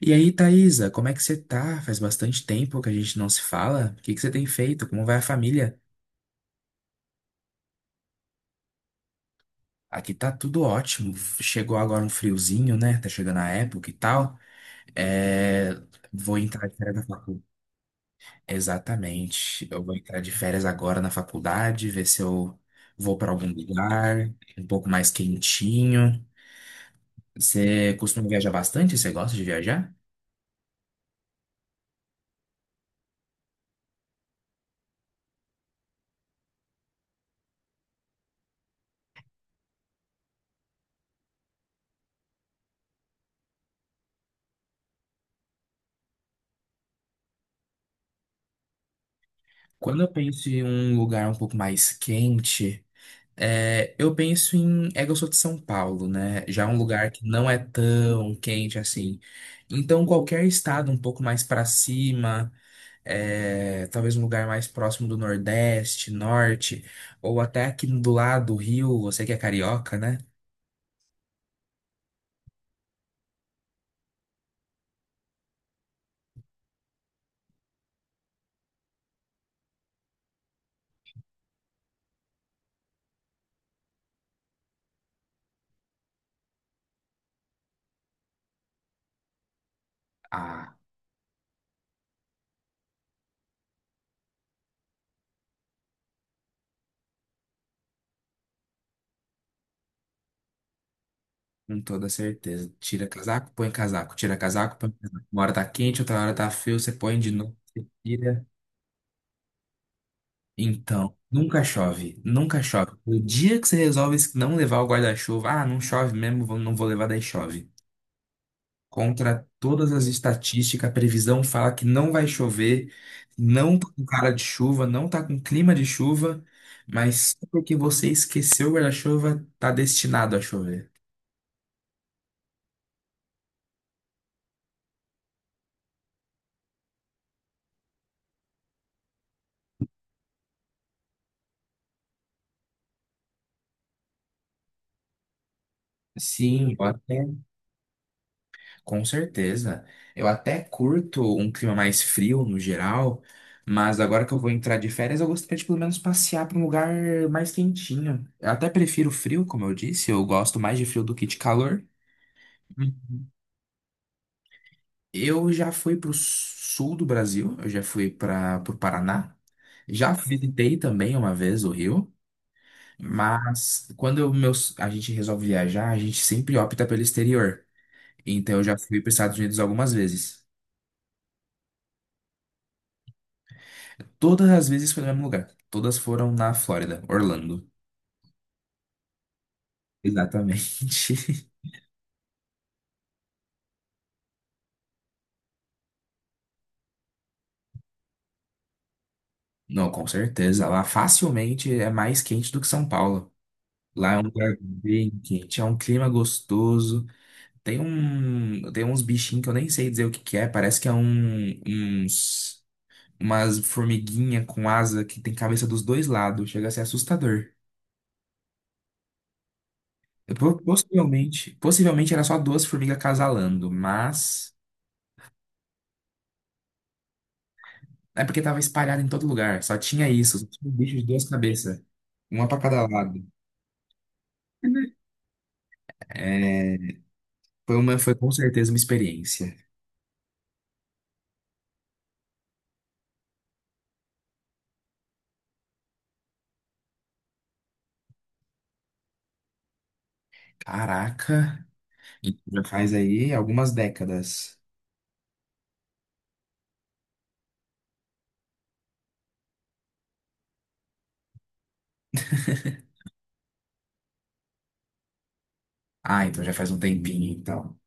E aí, Thaisa, como é que você tá? Faz bastante tempo que a gente não se fala. O que que você tem feito? Como vai a família? Aqui tá tudo ótimo. Chegou agora um friozinho, né? Tá chegando a época e tal. É... Vou entrar de férias na faculdade. Exatamente. Eu vou entrar de férias agora na faculdade, ver se eu vou pra algum lugar um pouco mais quentinho. Você costuma viajar bastante? Você gosta de viajar? Quando eu penso em um lugar um pouco mais quente, É, eu penso em. É que eu sou de São Paulo, né? Já é um lugar que não é tão quente assim. Então, qualquer estado um pouco mais para cima, talvez um lugar mais próximo do Nordeste, Norte, ou até aqui do lado do Rio, você que é carioca, né? Ah, com toda certeza. Tira casaco, põe casaco. Tira casaco, põe casaco. Uma hora tá quente, outra hora tá frio, você põe de novo, você tira. Então, nunca chove, nunca chove. O dia que você resolve não levar o guarda-chuva, ah, não chove mesmo, não vou levar, daí chove. Contra todas as estatísticas, a previsão fala que não vai chover, não tá com cara de chuva, não tá com clima de chuva, mas só porque você esqueceu o guarda-chuva, tá destinado a chover. Sim, até. Com certeza. Eu até curto um clima mais frio no geral, mas agora que eu vou entrar de férias, eu gostaria de pelo menos passear para um lugar mais quentinho. Eu até prefiro frio, como eu disse, eu gosto mais de frio do que de calor. Eu já fui para o sul do Brasil, eu já fui para o Paraná, já visitei também uma vez o Rio, mas a gente resolve viajar, a gente sempre opta pelo exterior. Então eu já fui para os Estados Unidos algumas vezes. Todas as vezes foi no mesmo lugar. Todas foram na Flórida, Orlando. Exatamente. Não, com certeza. Lá facilmente é mais quente do que São Paulo. Lá é um lugar bem quente, é um clima gostoso. Tem uns bichinhos que eu nem sei dizer o que que é. Parece que é um, uns, umas formiguinha com asa que tem cabeça dos dois lados. Chega a ser assustador. Possivelmente era só duas formigas casalando, mas é porque tava espalhado em todo lugar, só tinha isso, só tinha um bicho de duas cabeças, uma pra cada lado. É, foi com certeza uma experiência. Caraca, então já faz aí algumas décadas. Ah, então já faz um tempinho, então.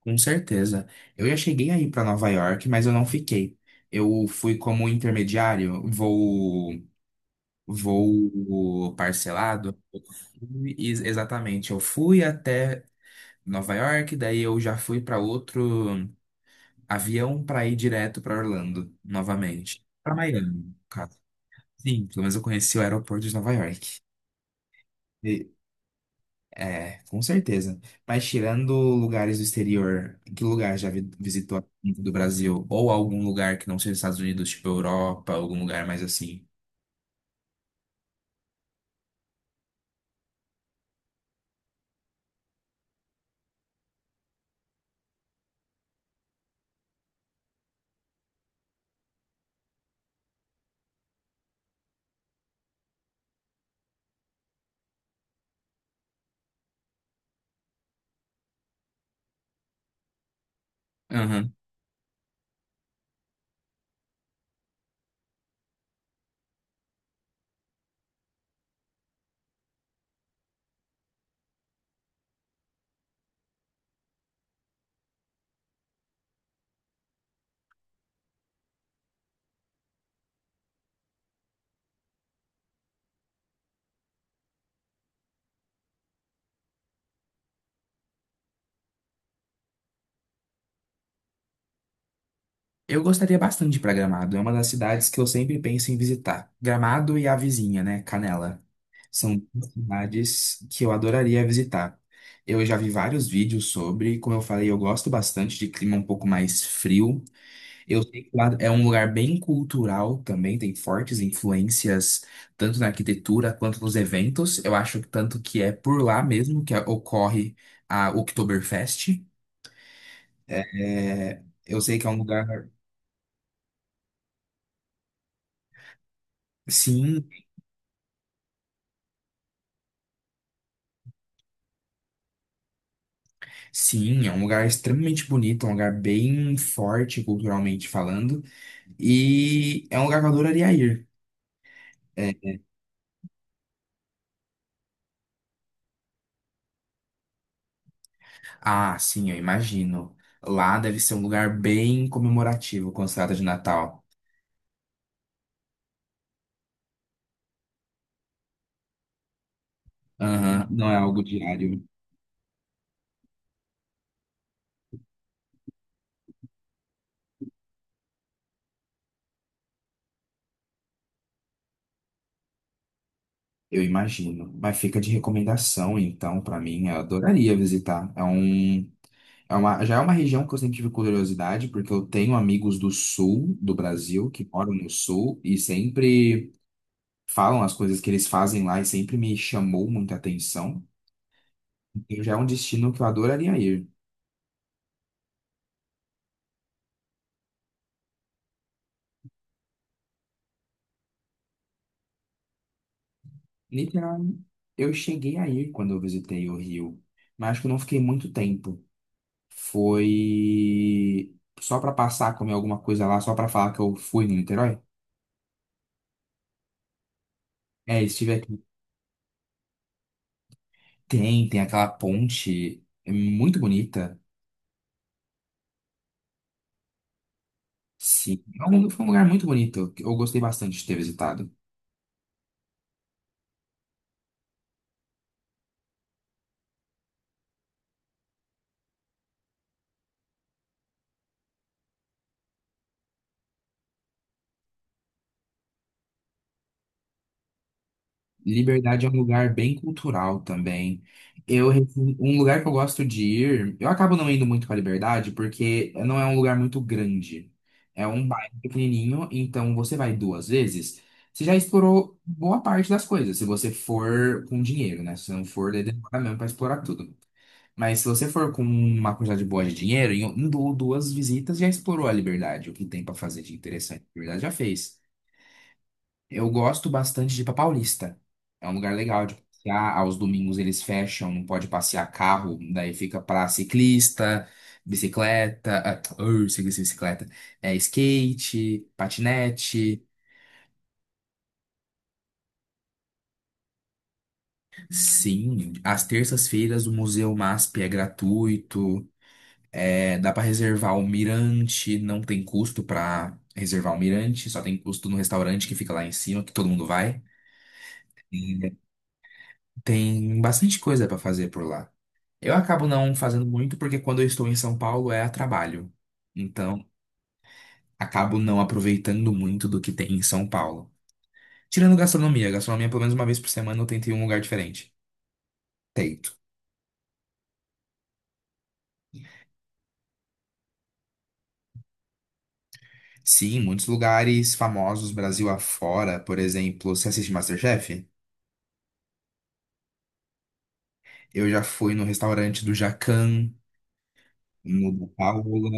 Com certeza. Eu já cheguei aí pra Nova York, mas eu não fiquei. Eu fui como intermediário, voo parcelado. Exatamente, eu fui até Nova York, daí eu já fui para outro avião para ir direto para Orlando novamente. Para Miami, no caso. Sim, pelo menos eu conheci o aeroporto de Nova York. E- é, com certeza. Mas tirando lugares do exterior, que lugar visitou dentro do Brasil? Ou algum lugar que não seja os Estados Unidos, tipo Europa, algum lugar mais assim? Eu gostaria bastante de ir para Gramado. É uma das cidades que eu sempre penso em visitar. Gramado e a vizinha, né? Canela. São duas cidades que eu adoraria visitar. Eu já vi vários vídeos sobre, como eu falei, eu gosto bastante de clima um pouco mais frio. Eu sei que lá é um lugar bem cultural também, tem fortes influências tanto na arquitetura quanto nos eventos. Eu acho que tanto que é por lá mesmo que ocorre a Oktoberfest. É, eu sei que é um lugar. Sim, Sim, é um lugar extremamente bonito, é um lugar bem forte culturalmente falando, e é um lugar que eu adoraria ir. É, Ah, sim, eu imagino. Lá deve ser um lugar bem comemorativo quando se trata de Natal. Aham, não é algo diário, eu imagino. Mas fica de recomendação, então, pra mim, eu adoraria visitar. Já é uma região que eu sempre tive curiosidade, porque eu tenho amigos do sul do Brasil que moram no sul e sempre falam as coisas que eles fazem lá e sempre me chamou muita atenção. Então já é um destino que eu adoraria ir. Literalmente, eu cheguei a ir quando eu visitei o Rio, mas acho que eu não fiquei muito tempo. Foi só para passar, comer alguma coisa lá, só para falar que eu fui no Niterói. É, estive aqui. Tem aquela ponte é muito bonita. Sim, foi um lugar muito bonito que Eu gostei bastante de ter visitado. Liberdade é um lugar bem cultural também. Um lugar que eu gosto de ir, eu acabo não indo muito para Liberdade porque não é um lugar muito grande. É um bairro pequenininho, então você vai duas vezes, você já explorou boa parte das coisas, se você for com dinheiro, né? Se não for, daí demora mesmo para explorar tudo. Mas se você for com uma quantidade boa de dinheiro, em um ou duas visitas já explorou a Liberdade, o que tem para fazer de interessante. A Liberdade já fez. Eu gosto bastante de ir pra Paulista. É um lugar legal de passear. Aos domingos eles fecham, não pode passear carro, daí fica pra ciclista, bicicleta, ah, ur, ciclista, e bicicleta, é, skate, patinete. Sim, às terças-feiras o Museu MASP é gratuito. É, dá pra reservar o mirante, não tem custo pra reservar o mirante, só tem custo no restaurante que fica lá em cima, que todo mundo vai. E tem bastante coisa pra fazer por lá. Eu acabo não fazendo muito porque quando eu estou em São Paulo é a trabalho. Então, acabo não aproveitando muito do que tem em São Paulo. Tirando gastronomia, gastronomia pelo menos uma vez por semana eu tento ir em um lugar diferente. Tento. Sim, muitos lugares famosos Brasil afora, por exemplo, você assiste MasterChef? Eu já fui no restaurante do Jacan, no da Paola.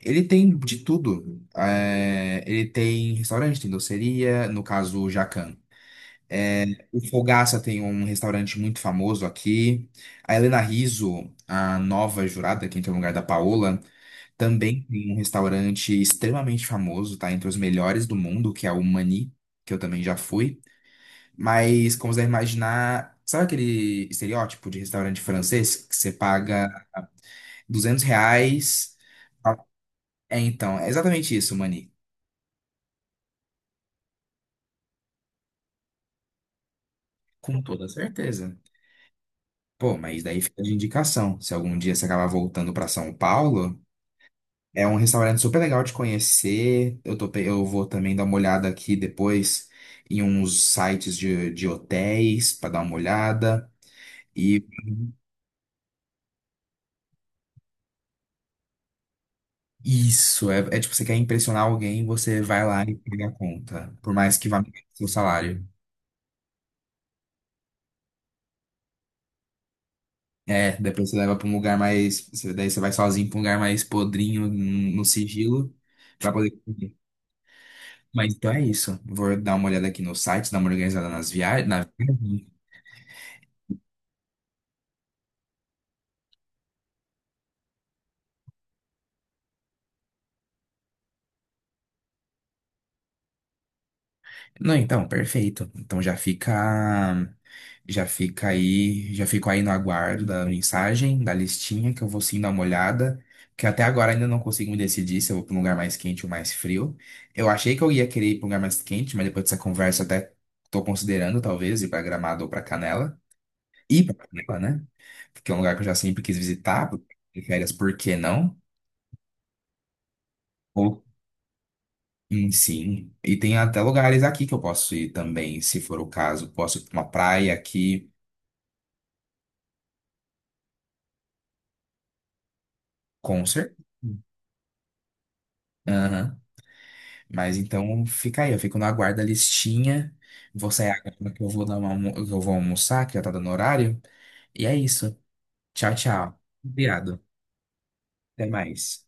Ele tem de tudo. É, ele tem restaurante, tem doceria, no caso o Jacan. É, O Fogaça tem um restaurante muito famoso aqui. A Helena Rizzo, a nova jurada que entra no lugar da Paola, também tem um restaurante extremamente famoso, tá? Entre os melhores do mundo, que é o Mani, que eu também já fui. Mas, como você deve imaginar, sabe aquele estereótipo de restaurante francês que você paga 200 reais? É, então, é exatamente isso, Mani. Com toda certeza. Pô, mas daí fica de indicação. Se algum dia você acabar voltando para São Paulo. É um restaurante super legal de conhecer. Eu vou também dar uma olhada aqui depois em uns sites de hotéis para dar uma olhada. E isso, é tipo, você quer impressionar alguém, você vai lá e paga a conta. Por mais que vá seu salário. É, depois você leva para daí você vai sozinho para um lugar mais podrinho, no sigilo, para poder comer. Mas então é isso. Vou dar uma olhada aqui no site, dar uma organizada nas viagens, Não, então, perfeito. Já fica aí, já fico aí no aguardo da mensagem, da listinha, que eu vou sim dar uma olhada, que até agora ainda não consigo me decidir se eu vou para um lugar mais quente ou mais frio. Eu achei que eu ia querer ir para um lugar mais quente, mas depois dessa conversa até estou considerando talvez ir para Gramado ou para Canela. Ir para Canela, né? Porque é um lugar que eu já sempre quis visitar, porque férias, por que não? Sim, e tem até lugares aqui que eu posso ir também, se for o caso. Posso ir pra uma praia aqui, concert. Aham. Mas então fica aí, eu fico na guarda listinha. Vou sair agora que eu vou dar que eu vou almoçar, que já tá dando horário. E é isso. Tchau, tchau. Obrigado. Até mais.